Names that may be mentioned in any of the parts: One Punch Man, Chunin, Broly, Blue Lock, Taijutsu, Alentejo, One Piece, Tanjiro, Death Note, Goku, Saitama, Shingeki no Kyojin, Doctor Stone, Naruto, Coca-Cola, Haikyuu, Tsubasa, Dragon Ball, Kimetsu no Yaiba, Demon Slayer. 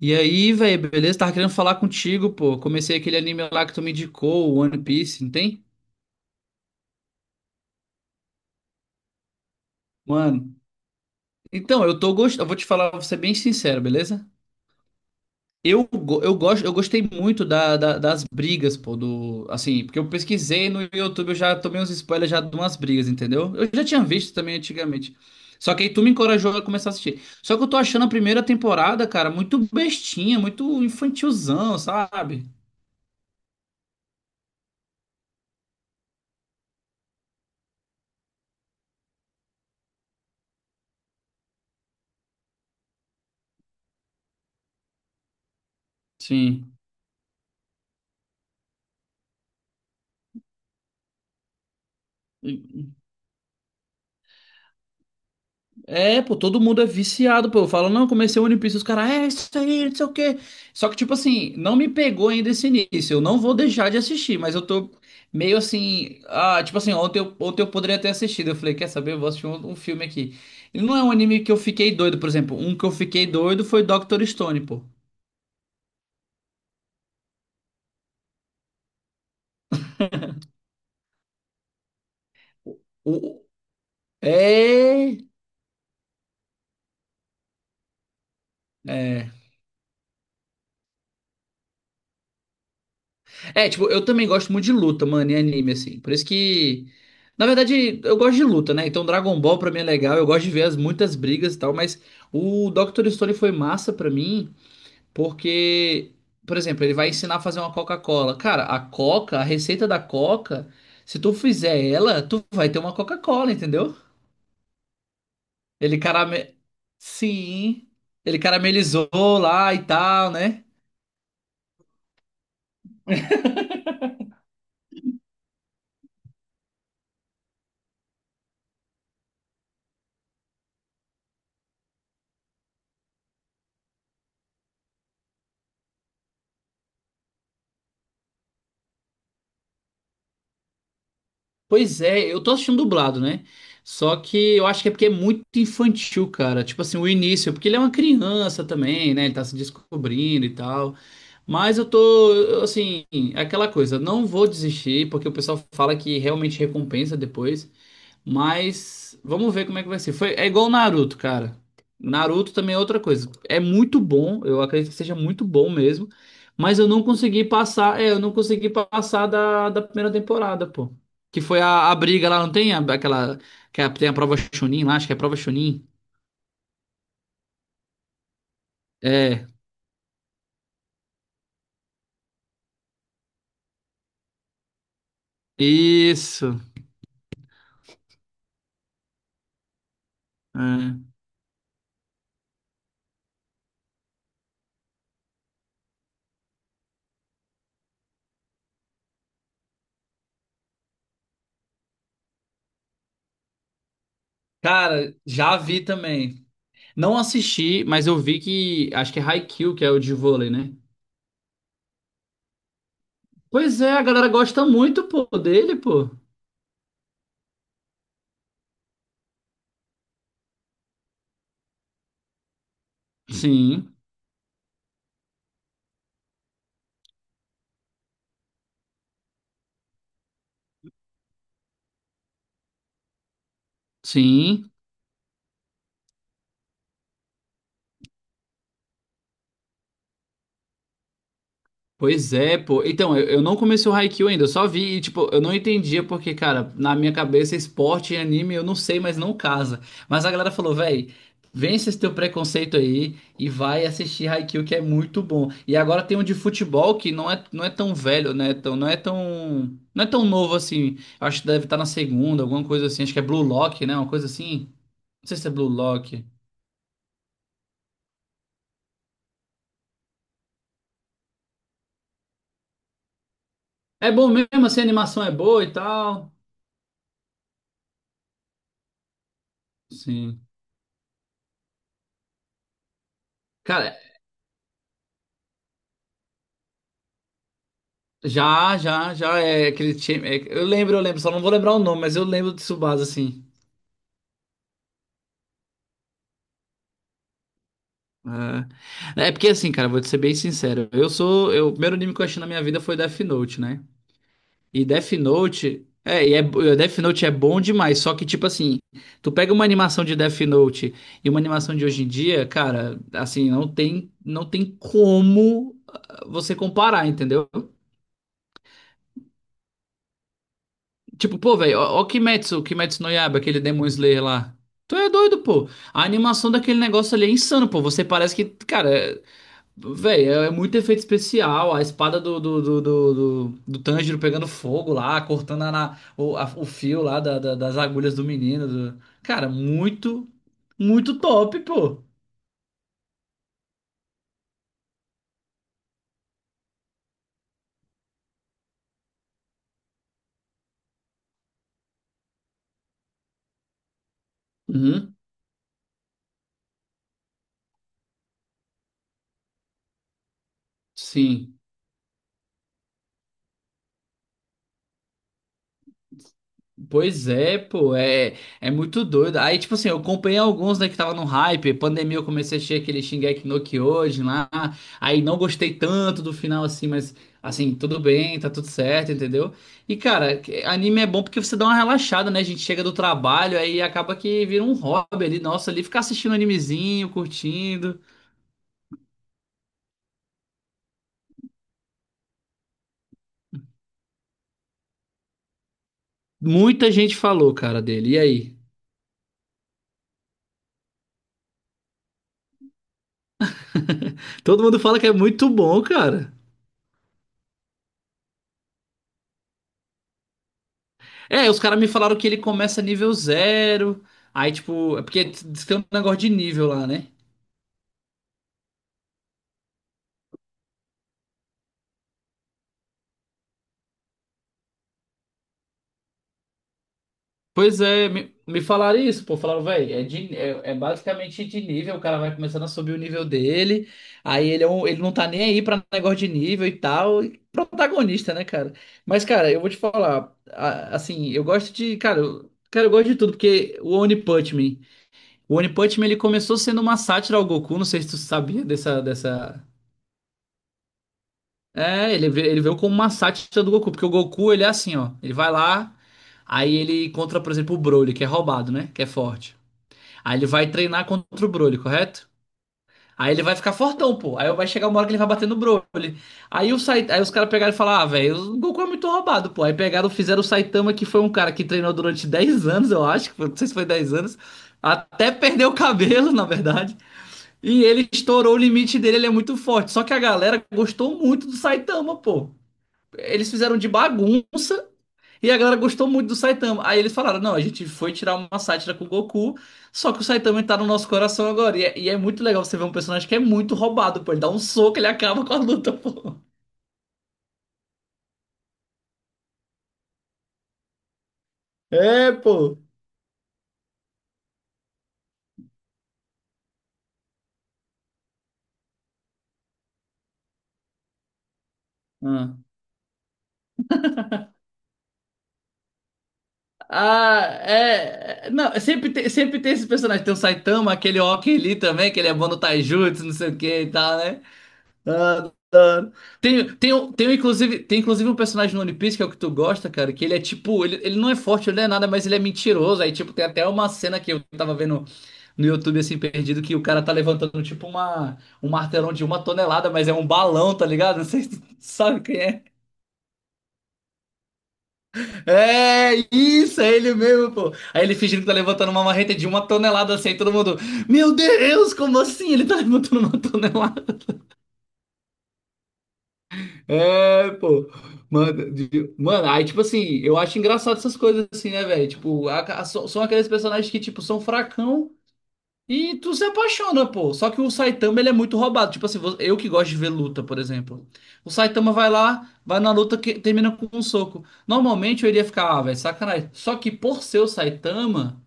E aí, velho, beleza? Tava querendo falar contigo, pô. Comecei aquele anime lá que tu me indicou, o One Piece, não tem? Mano. Então, eu tô gostando. Eu vou te falar, vou ser bem sincero, beleza? Eu, go- eu gosto, eu gostei muito das brigas, pô, do. Assim, porque eu pesquisei no YouTube, eu já tomei uns spoilers já de umas brigas, entendeu? Eu já tinha visto também antigamente. Só que aí tu me encorajou a começar a assistir. Só que eu tô achando a primeira temporada, cara, muito bestinha, muito infantilzão, sabe? Sim. É, pô, todo mundo é viciado, pô. Eu falo, não, comecei o One Piece, os caras, é isso aí, não sei o quê. Só que, tipo assim, não me pegou ainda esse início. Eu não vou deixar de assistir, mas eu tô meio assim. Ah, tipo assim, ontem eu poderia ter assistido. Eu falei, quer saber? Eu vou assistir um filme aqui. E não é um anime que eu fiquei doido, por exemplo. Um que eu fiquei doido foi Doctor Stone, pô. O, o- É. É. É, tipo, eu também gosto muito de luta, mano, em anime, assim. Por isso que. Na verdade, eu gosto de luta, né? Então, Dragon Ball pra mim é legal. Eu gosto de ver as muitas brigas e tal. Mas o Dr. Stone foi massa pra mim, porque, por exemplo, ele vai ensinar a fazer uma Coca-Cola. Cara, a Coca, a receita da Coca, se tu fizer ela, tu vai ter uma Coca-Cola, entendeu? Ele carame... Sim. Ele caramelizou lá e tal, né? Pois é, eu tô assistindo dublado, né? Só que eu acho que é porque é muito infantil, cara. Tipo assim, o início, porque ele é uma criança também, né? Ele tá se descobrindo e tal. Mas eu, assim, é aquela coisa, não vou desistir, porque o pessoal fala que realmente recompensa depois. Mas vamos ver como é que vai ser. Foi, é igual o Naruto, cara. Naruto também é outra coisa. É muito bom, eu acredito que seja muito bom mesmo. Mas eu não consegui passar da primeira temporada, pô. Que foi a briga lá, não tem aquela. Tem a prova Chunin lá, acho que é a prova Chunin. É, isso. É. Cara, já vi também. Não assisti, mas eu vi que. Acho que é Haikyuu, que é o de vôlei, né? Pois é, a galera gosta muito, pô, dele, pô. Sim, sim. Pois é, pô. Então, eu não comecei o Haikyuu ainda, eu só vi e, tipo, eu não entendia porque, cara, na minha cabeça, esporte e anime, eu não sei, mas não casa. Mas a galera falou, véi, vence esse teu preconceito aí e vai assistir Haikyuu, que é muito bom. E agora tem um de futebol que não é tão velho, né? Não é tão novo assim. Eu acho que deve estar na segunda, alguma coisa assim. Acho que é Blue Lock, né? Uma coisa assim. Não sei se é Blue Lock. É bom mesmo, assim, a animação é boa e tal. Sim. Cara, já é aquele time. Eu lembro, só não vou lembrar o nome, mas eu lembro de Tsubasa, assim. É porque assim, cara, vou te ser bem sincero. Eu sou. Eu, o primeiro anime que eu achei na minha vida foi Death Note, né? E Death Note. E Death Note é bom demais, só que, tipo assim, tu pega uma animação de Death Note e uma animação de hoje em dia, cara, assim, não tem como você comparar, entendeu? Tipo, pô, velho, ó, ó Kimetsu no Yaiba, aquele Demon Slayer lá. Tu é doido, pô. A animação daquele negócio ali é insano, pô. Você parece que, cara, velho, é muito efeito especial. A espada do Tanjiro pegando fogo lá, cortando a, na- o, a- o fio lá das agulhas do menino. Cara, muito, muito top, pô. Uhum, sim. Pois é, pô, é muito doido. Aí, tipo assim, eu acompanhei alguns, né, que tava no hype. Pandemia, eu comecei a assistir aquele Shingeki no Kyojin lá. Aí não gostei tanto do final, assim, mas, assim, tudo bem, tá tudo certo, entendeu? E, cara, anime é bom porque você dá uma relaxada, né? A gente chega do trabalho, aí acaba que vira um hobby ali, nossa, ali ficar assistindo animezinho, curtindo. Muita gente falou, cara, dele. E aí? Todo mundo fala que é muito bom, cara. É, os caras me falaram que ele começa nível zero. Aí, tipo, é porque diz que tem um negócio de nível lá, né? Pois é, me falaram isso, pô. Falaram, velho, basicamente de nível. O cara vai começando a subir o nível dele. Aí ele não tá nem aí pra negócio de nível e tal. E protagonista, né, cara? Mas, cara, eu vou te falar. Assim, eu gosto de. Cara, eu gosto de tudo, porque o One Punch Man. O One Punch Man, ele começou sendo uma sátira ao Goku. Não sei se tu sabia dessa. É, ele veio como uma sátira do Goku, porque o Goku, ele é assim, ó. Ele vai lá, aí ele encontra, por exemplo, o Broly, que é roubado, né? Que é forte. Aí ele vai treinar contra o Broly, correto? Aí ele vai ficar fortão, pô. Aí vai chegar uma hora que ele vai bater no Broly. Aí os caras pegaram e falaram, ah, velho, o Goku é muito roubado, pô. Aí pegaram, fizeram o Saitama, que foi um cara que treinou durante 10 anos, eu acho, não sei se foi 10 anos, até perdeu o cabelo, na verdade. E ele estourou o limite dele, ele é muito forte. Só que a galera gostou muito do Saitama, pô eles fizeram de bagunça e a galera gostou muito do Saitama. Aí eles falaram: não, a gente foi tirar uma sátira com o Goku, só que o Saitama tá no nosso coração agora. E é muito legal você ver um personagem que é muito roubado, pô. Ele dá um soco, ele acaba com a luta, pô. É, pô. Ah, Ah, é. Não, sempre tem esse personagem. Tem o Saitama, aquele Oki ali também, que ele é bom no Taijutsu, não sei o que e tal, né? Adoro. Tem inclusive um personagem no One Piece, que é o que tu gosta, cara, que ele é tipo, ele não é forte, ele não é nada, mas ele é mentiroso. Aí, tipo, tem até uma cena que eu tava vendo no YouTube, assim, perdido, que o cara tá levantando, tipo, um martelão de uma tonelada, mas é um balão, tá ligado? Não sei se tu sabe quem é. É, isso, é ele mesmo, pô. Aí ele fingindo que tá levantando uma marreta de uma tonelada, assim, aí todo mundo, meu Deus, como assim? Ele tá levantando uma tonelada. É, pô. Mano, aí, tipo assim, eu acho engraçado essas coisas assim, né, velho? Tipo, são aqueles personagens que, tipo, são fracão e tu se apaixona, pô. Só que o Saitama, ele é muito roubado. Tipo assim, eu que gosto de ver luta, por exemplo. O Saitama vai lá, vai na luta que termina com um soco. Normalmente eu iria ficar, ah, velho, sacanagem. Só que por ser o Saitama,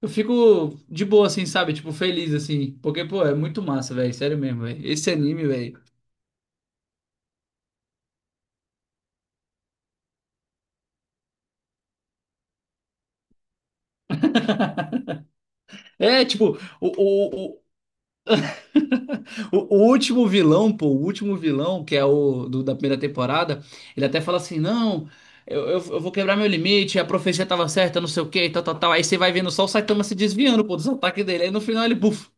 eu fico de boa, assim, sabe? Tipo, feliz, assim. Porque, pô, é muito massa, velho. Sério mesmo, velho. Esse anime, velho. É, tipo. O, o- o último vilão, pô, o último vilão, que é da primeira temporada, ele até fala assim: não, eu vou quebrar meu limite, a profecia tava certa, não sei o que, tal, tal, tal. Aí você vai vendo só o Saitama se desviando, pô, dos ataques dele. Aí no final ele, buf.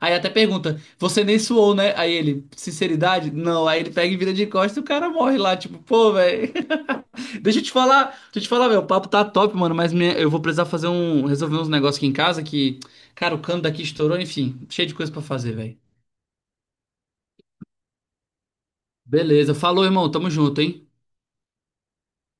Aí até pergunta: você nem suou, né? Aí ele, sinceridade? Não. Aí ele pega e vira de costas e o cara morre lá, tipo, pô, velho. Deixa eu te falar, deixa eu te falar, meu, o papo tá top, mano, mas eu vou precisar fazer resolver uns negócios aqui em casa que, cara, o cano daqui estourou, enfim, cheio de coisa pra fazer, velho. Beleza. Falou, irmão. Tamo junto, hein?